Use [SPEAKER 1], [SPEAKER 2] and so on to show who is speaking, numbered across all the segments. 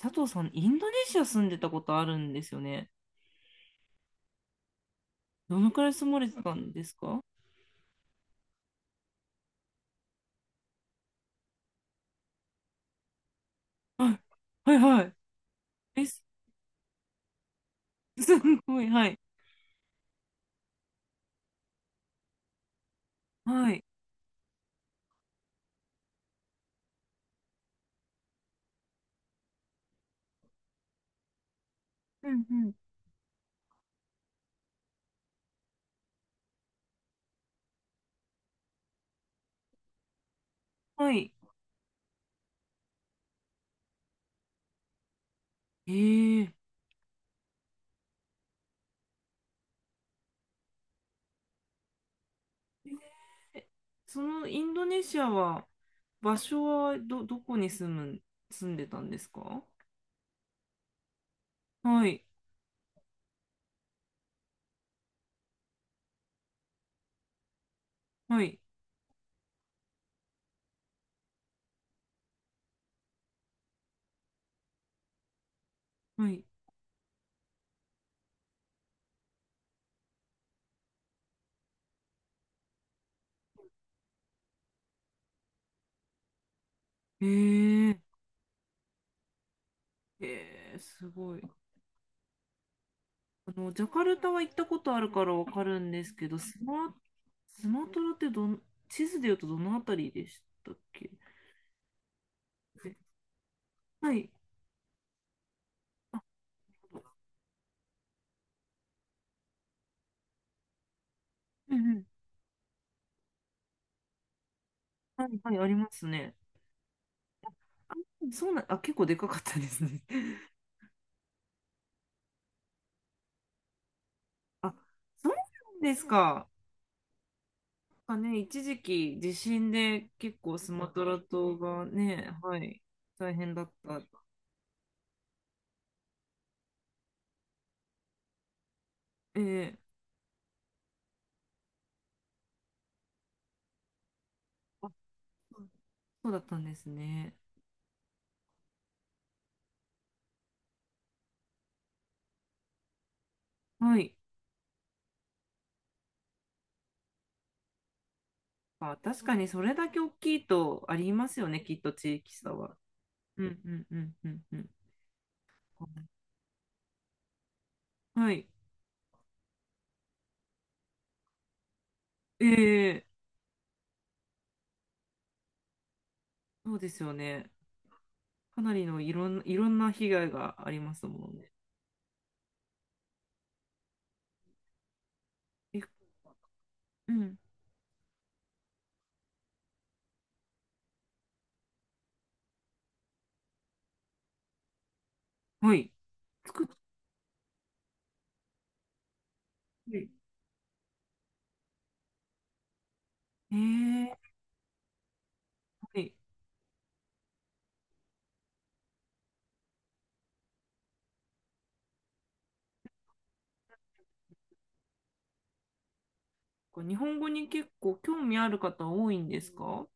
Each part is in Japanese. [SPEAKER 1] 佐藤さん、インドネシア住んでたことあるんですよね。どのくらい住まれてたんですか？はい、はい、はい。え、すすごい、はい、はい。うんうん。はい。えええそのインドネシアは、場所はどこに住む、住んでたんですか？はい、はい、はい。えー、えすごい。あの、ジャカルタは行ったことあるからわかるんですけど、スマトラって地図で言うとどのあたりでしたっけ？え、はい。あ、うんうん。はいはい、ありますね。あ、そうな、あ、結構でかかったですね。あ、そうなんですか？なんかね、一時期地震で結構スマトラ島がね、はい、大変だった。ええ、あ、そうだったんですね。はい。まあ、確かにそれだけ大きいとありますよね、きっと地域差は。うんうんうんうんうん。はい。ええ、そうですよね。かなりのいろんな被害がありますもんね。え、うん。はい。作って、ええ、はい。日本語に結構興味ある方多いんですか？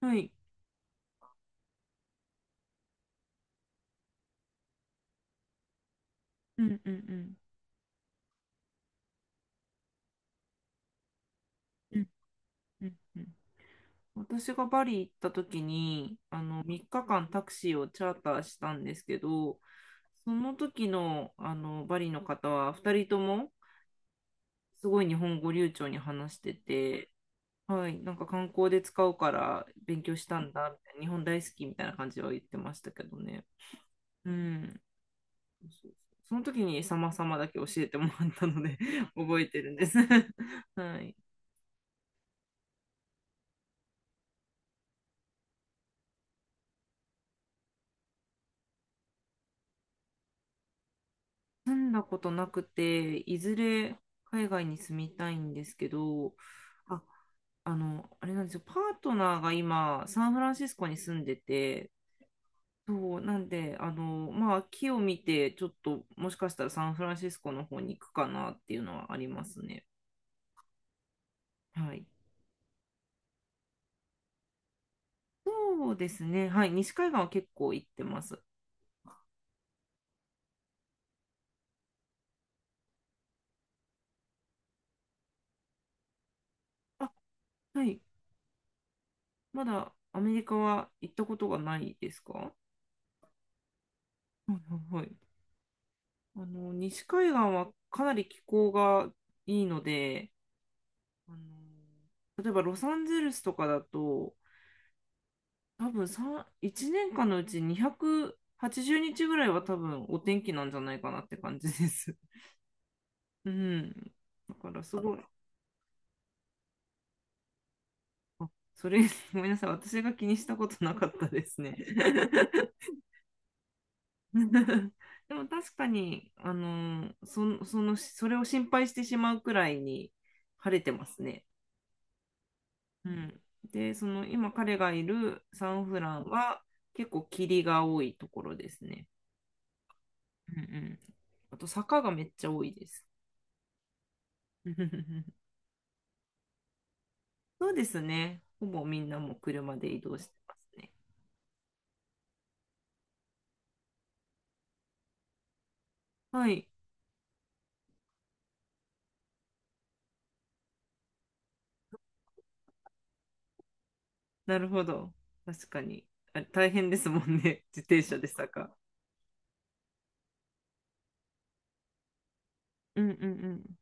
[SPEAKER 1] はい。うんうんうん。うんうんうん。私がバリ行った時に、3日間タクシーをチャーターしたんですけど、その時の、バリの方は2人ともすごい日本語流暢に話してて、はい、なんか観光で使うから勉強したんだ、みたいな日本大好きみたいな感じは言ってましたけどね。うん。そうそうそう、その時に様々だけ教えてもらったので 覚えてるんです。 はい。住んだことなくて、いずれ海外に住みたいんですけど、あ、あれなんですよ、パートナーが今、サンフランシスコに住んでて、そう、なんで、まあ、木を見て、ちょっと、もしかしたらサンフランシスコの方に行くかなっていうのはありますね。はい。そうですね、はい、西海岸は結構行ってます。あ、はい、まだアメリカは行ったことがないですか？はいはいはい。西海岸はかなり気候がいいので、例えばロサンゼルスとかだと、多分3、1年間のうち280日ぐらいは多分お天気なんじゃないかなって感じです。うん。だからすごい。あ、それ、ごめんなさい。私が気にしたことなかったですね。でも確かに、それを心配してしまうくらいに晴れてますね。うん、で、その今彼がいるサンフランは結構霧が多いところですね。うんうん。あと坂がめっちゃ多いです。そうですね。ほぼみんなもう車で移動してますね。はい。なるほど。確かに。あれ大変ですもんね。自転車で坂。うんうんうん。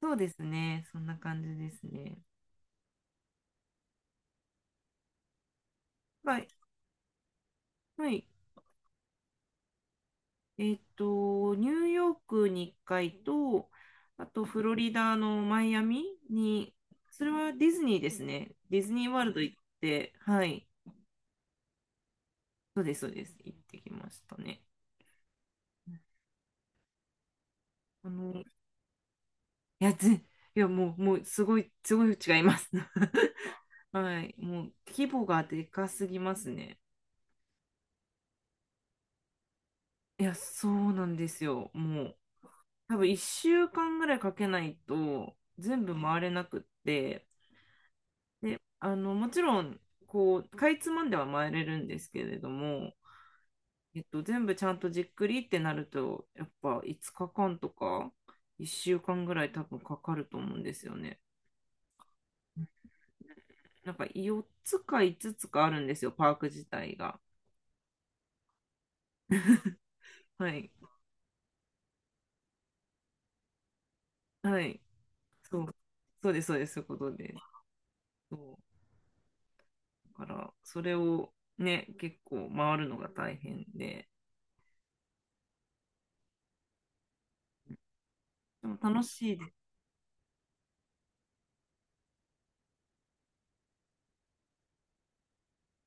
[SPEAKER 1] そうですね。そんな感じですね。はい。はい。ニューヨークに1回と、あとフロリダのマイアミに、それはディズニーですね。ディズニーワールド行って、はい、そうです、そうです、行ってきましたね。いや、いや、もう、もう、すごい、すごい違います。はい、もう、規模がでかすぎますね。いや、そうなんですよ。もう、多分1週間ぐらいかけないと、全部回れなくって、で、もちろん、こう、かいつまんでは回れるんですけれども、全部ちゃんとじっくりってなると、やっぱ5日間とか、1週間ぐらい多分かかると思うんですよね。なんか4つか5つかあるんですよ、パーク自体が。はい。はい。そう。そうです、そうです、そういうことで。そう。だから、それをね、結構回るのが大変で、でも楽しいです。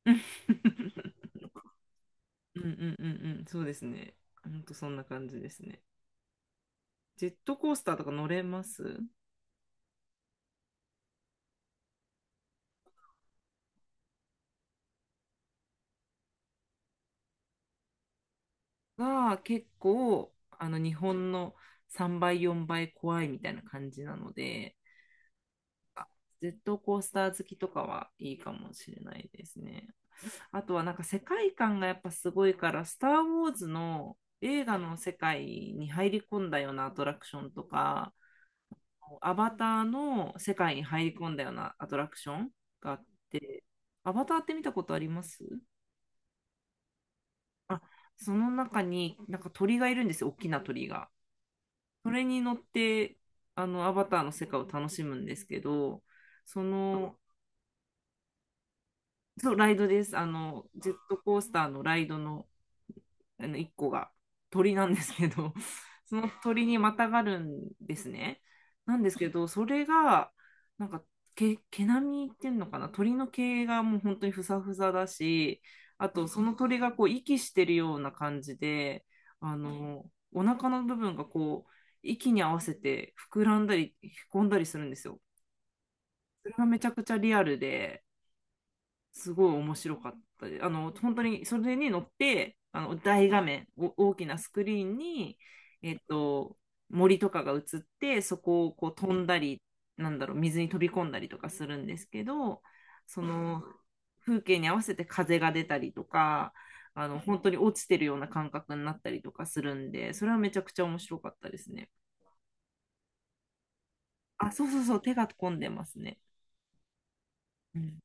[SPEAKER 1] うんうんうんうん、そうですね。ほんとそんな感じですね。ジェットコースターとか乗れますが、結構、日本の3倍、4倍怖いみたいな感じなので、ジェットコースター好きとかはいいかもしれないですね。あとはなんか世界観がやっぱすごいから、スター・ウォーズの映画の世界に入り込んだようなアトラクションとか、アバターの世界に入り込んだようなアトラクションがあって、アバターって見たことあります？あ、その中になんか鳥がいるんですよ、大きな鳥が。それに乗って、アバターの世界を楽しむんですけど、その、そう、ライドです。ジェットコースターのライドのあの1個が鳥なんですけど その鳥にまたがるんですね。なんですけどそれがなんか毛並みっていうのかな、鳥の毛がもう本当にふさふさだし、あとその鳥がこう息してるような感じで、お腹の部分がこう息に合わせて膨らんだりへこんだりするんですよ。それがめちゃくちゃリアルで。すごい面白かったです。本当にそれに乗って、大画面、大きなスクリーンに、えっと、森とかが映って、そこをこう飛んだり、なんだろう、水に飛び込んだりとかするんですけど、その風景に合わせて風が出たりとか、本当に落ちてるような感覚になったりとかするんで、それはめちゃくちゃ面白かったですね。あ、そうそうそう、手が込んでますね。うん